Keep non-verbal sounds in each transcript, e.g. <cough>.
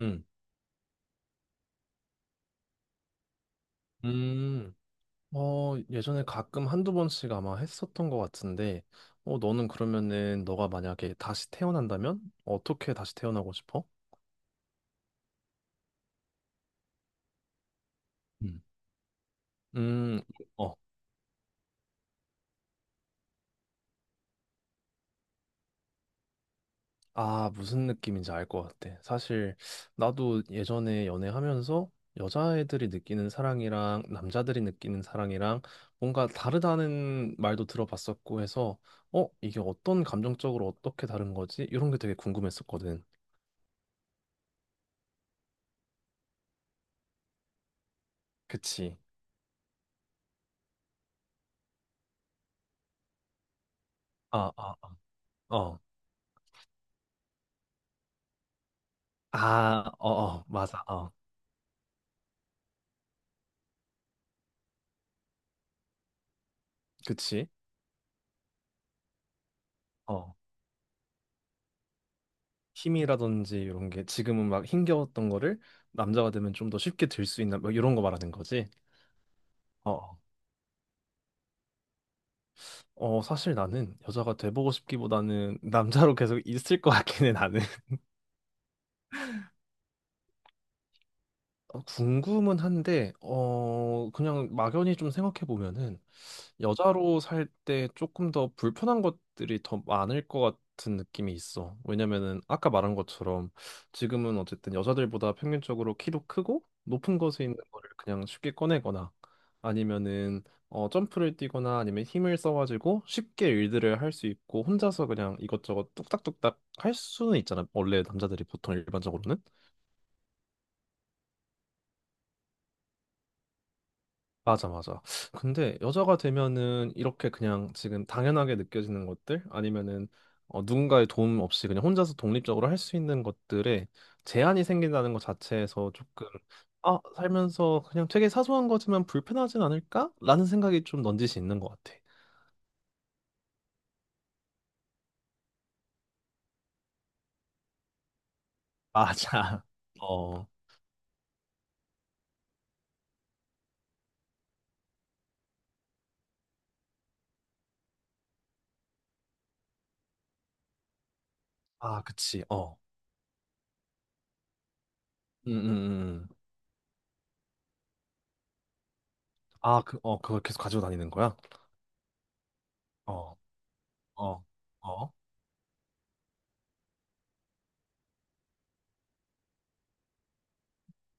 음, 음, 어, 예전에 가끔 한두 번씩 아마 했었던 것 같은데, 어, 너는 그러면은 너가 만약에 다시 태어난다면 어떻게 다시 태어나고 싶어? 음, 음, 어, 아, 무슨 느낌인지 알 것 같아. 사실, 나도 예전에 연애하면서 여자애들이 느끼는 사랑이랑 남자들이 느끼는 사랑이랑 뭔가 다르다는 말도 들어봤었고 해서, 어, 이게 어떤 감정적으로 어떻게 다른 거지? 이런 게 되게 궁금했었거든. 그치. 아, 아. 어. 아, 어, 어, 맞아. 어. 그치? 어. 힘이라든지 이런 게 지금은 막 힘겨웠던 거를 남자가 되면 좀 더 쉽게 들 수 있나 뭐 이런 거 말하는 거지. 어. 어, 어, 사실 나는 여자가 돼보고 싶기보다는 <laughs> 남자로 계속 있을 것 같긴 해, 나는. <laughs> 어, 궁금은 한데, 어, 그냥 막연히 좀 생각해 보면은 여자로 살 때 조금 더 불편한 것들이 더 많을 것 같은 느낌이 있어. 왜냐면은 아까 말한 것처럼 지금은 어쨌든 여자들보다 평균적으로 키도 크고 높은 곳에 있는 거를 그냥 쉽게 꺼내거나 아니면은 어 점프를 뛰거나 아니면 힘을 써가지고 쉽게 일들을 할 수 있고 혼자서 그냥 이것저것 뚝딱뚝딱 할 수는 있잖아. 원래 남자들이 보통 일반적으로는. 맞아, 맞아. 근데 여자가 되면은 이렇게 그냥 지금 당연하게 느껴지는 것들 아니면은 어, 누군가의 도움 없이 그냥 혼자서 독립적으로 할 수 있는 것들에 제한이 생긴다는 것 자체에서 조금 아, 살면서 그냥 되게 사소한 거지만 불편하진 않을까? 라는 생각이 좀 넌지시 있는 것 같아. 맞아. <laughs> 어, 아, 그치. 어, 음, 음, 음. 아, 그, 어, 그걸 계속 가지고 다니는 거야? 어, 어, 어,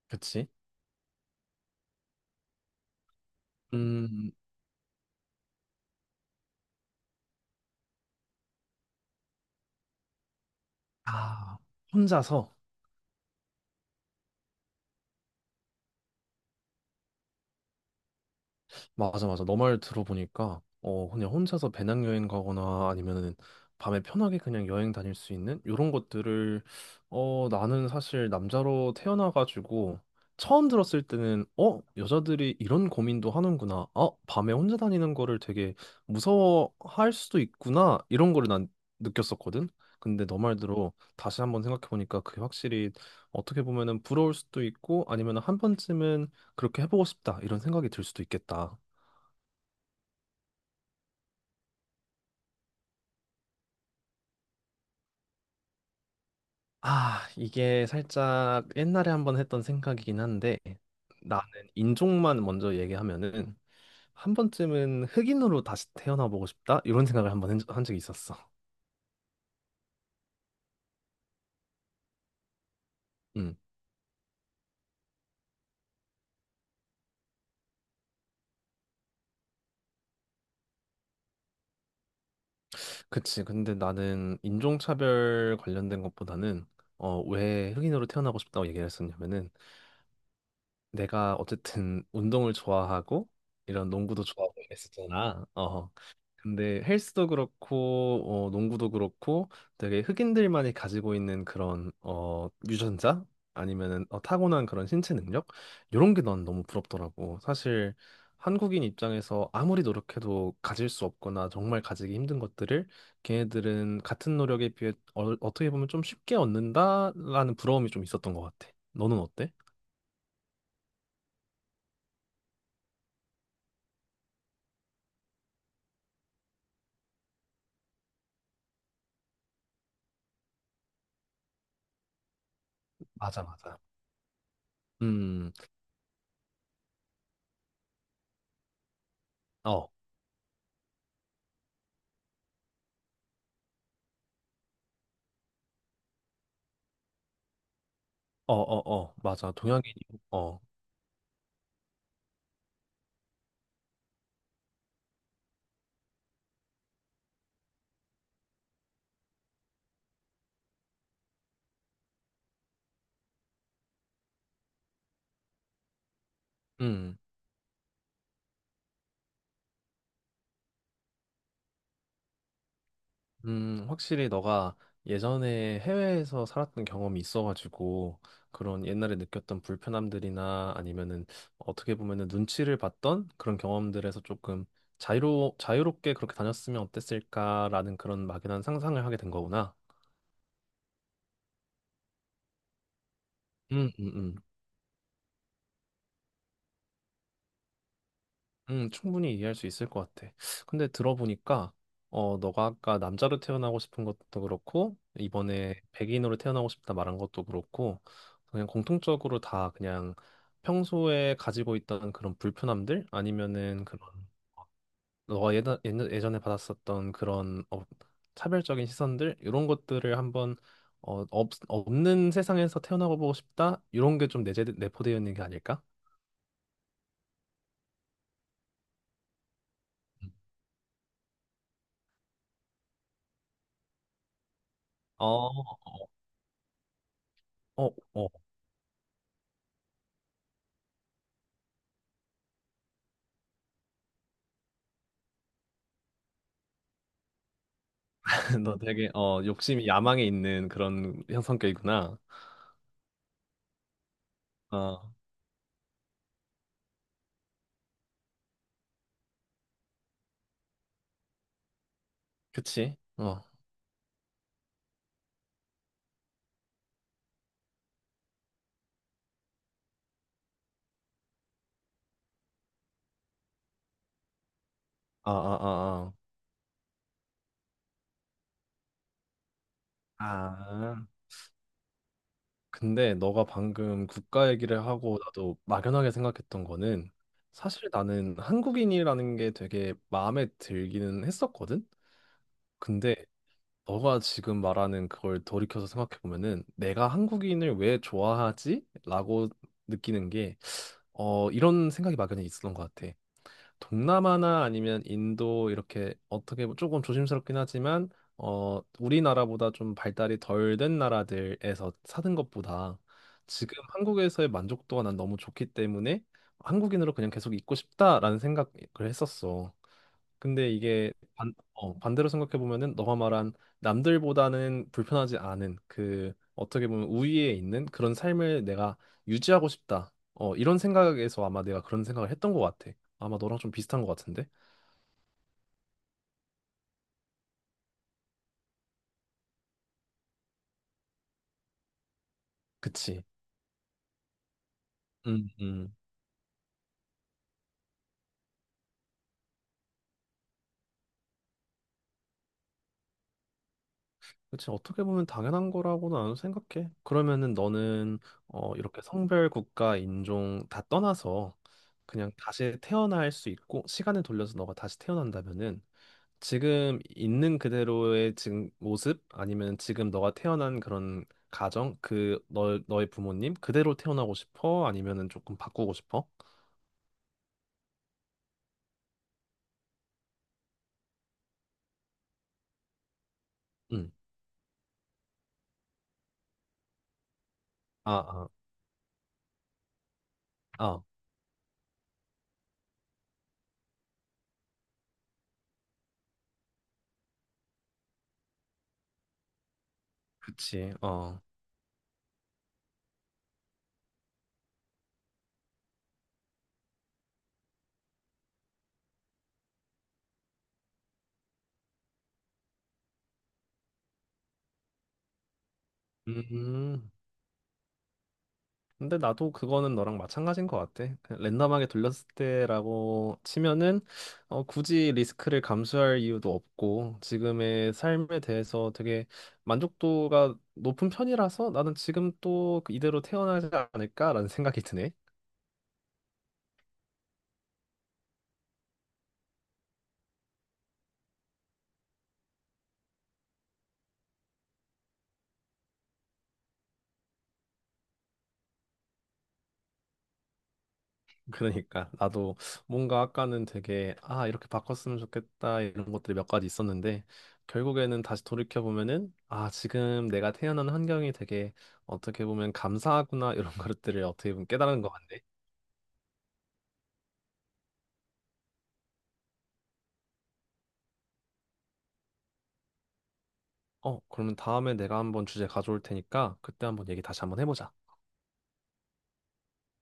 그치. 음, 아, 혼자서. 맞아, 맞아. 너 말 들어보니까, 어, 그냥 혼자서 배낭여행 가거나 아니면은 밤에 편하게 그냥 여행 다닐 수 있는 이런 것들을, 어, 나는 사실 남자로 태어나가지고 처음 들었을 때는, 어, 여자들이 이런 고민도 하는구나. 어, 밤에 혼자 다니는 거를 되게 무서워할 수도 있구나. 이런 거를 난 느꼈었거든. 근데 너 말대로 다시 한번 생각해보니까 그게 확실히 어떻게 보면은 부러울 수도 있고 아니면 한 번쯤은 그렇게 해보고 싶다 이런 생각이 들 수도 있겠다. 아, 이게 살짝 옛날에 한번 했던 생각이긴 한데 나는 인종만 먼저 얘기하면은 한 번쯤은 흑인으로 다시 태어나 보고 싶다 이런 생각을 한 적이 있었어. 음, 그치. 근데 나는 인종차별 관련된 것보다는 어, 왜 흑인으로 태어나고 싶다고 얘기를 했었냐면은 내가 어쨌든 운동을 좋아하고 이런 농구도 좋아하고 이랬었잖아. 어, 근데 헬스도 그렇고 어, 농구도 그렇고 되게 흑인들만이 가지고 있는 그런 어, 유전자 아니면은 어, 타고난 그런 신체 능력 이런 게 난 너무 부럽더라고. 사실 한국인 입장에서 아무리 노력해도 가질 수 없거나 정말 가지기 힘든 것들을 걔네들은 같은 노력에 비해 어, 어떻게 보면 좀 쉽게 얻는다라는 부러움이 좀 있었던 것 같아. 너는 어때? 맞아, 맞아. 음, 어, 어, 어, 어, 맞아. 동양인이, 어, 음. 확실히 너가 예전에 해외에서 살았던 경험이 있어가지고 그런 옛날에 느꼈던 불편함들이나 아니면은 어떻게 보면은 눈치를 봤던 그런 경험들에서 조금 자유로 자유롭게 그렇게 다녔으면 어땠을까라는 그런 막연한 상상을 하게 된 거구나. 음, 음, 음. 충분히 이해할 수 있을 것 같아. 근데 들어보니까, 어, 너가 아까 남자로 태어나고 싶은 것도 그렇고, 이번에 백인으로 태어나고 싶다 말한 것도 그렇고, 그냥 공통적으로 다 그냥 평소에 가지고 있던 그런 불편함들? 아니면은 그런, 너가 예전에 받았었던 그런 어, 차별적인 시선들? 이런 것들을 한번, 어, 없는 세상에서 태어나고 보고 싶다? 이런 게 좀 내포되어 있는 게 아닐까? 어, 어, 어, <laughs> 너 되게 어 욕심이 야망에 있는 그런 형 성격이구나. 어, 그치? 어, 아, 아, 아, 아. 아. 근데 너가 방금 국가 얘기를 하고 나도 막연하게 생각했던 거는 사실 나는 한국인이라는 게 되게 마음에 들기는 했었거든. 근데 너가 지금 말하는 그걸 돌이켜서 생각해 보면은 내가 한국인을 왜 좋아하지? 라고 느끼는 게 어, 이런 생각이 막연히 있었던 것 같아. 동남아나 아니면 인도 이렇게 조금 조심스럽긴 하지만 어 우리나라보다 좀 발달이 덜 된 나라들에서 사는 것보다 지금 한국에서의 만족도가 난 너무 좋기 때문에 한국인으로 그냥 계속 있고 싶다라는 생각을 했었어. 근데 이게 반대로 생각해 보면은 너가 말한 남들보다는 불편하지 않은 그 어떻게 보면 우위에 있는 그런 삶을 내가 유지하고 싶다. 어, 이런 생각에서 아마 내가 그런 생각을 했던 것 같아. 아마 너랑 좀 비슷한 것 같은데. 그치? 음, 음. 그치. 어떻게 보면 당연한 거라고는 안 생각해. 그러면은 너는 어, 이렇게 성별, 국가, 인종 다 떠나서 그냥 다시 태어날 수 있고 시간을 돌려서 너가 다시 태어난다면은 지금 있는 그대로의 지금 모습 아니면 지금 너가 태어난 그런 가정 그 너, 너의 부모님 그대로 태어나고 싶어? 아니면은 조금 바꾸고 싶어? 응. 아, 아, 아, 그치. 어. 음. 근데 나도 그거는 너랑 마찬가지인 것 같아. 그냥 랜덤하게 돌렸을 때라고 치면은 어, 굳이 리스크를 감수할 이유도 없고 지금의 삶에 대해서 되게 만족도가 높은 편이라서 나는 지금 또 그 이대로 태어나지 않을까라는 생각이 드네. 그러니까 나도 뭔가 아까는 되게 아 이렇게 바꿨으면 좋겠다 이런 것들이 몇 가지 있었는데 결국에는 다시 돌이켜 보면은 아 지금 내가 태어난 환경이 되게 어떻게 보면 감사하구나 <laughs> 이런 것들을 어떻게 보면 깨달은 것 같네. 어 그러면 다음에 내가 한번 주제 가져올 테니까 그때 한번 얘기 다시 한번 해보자.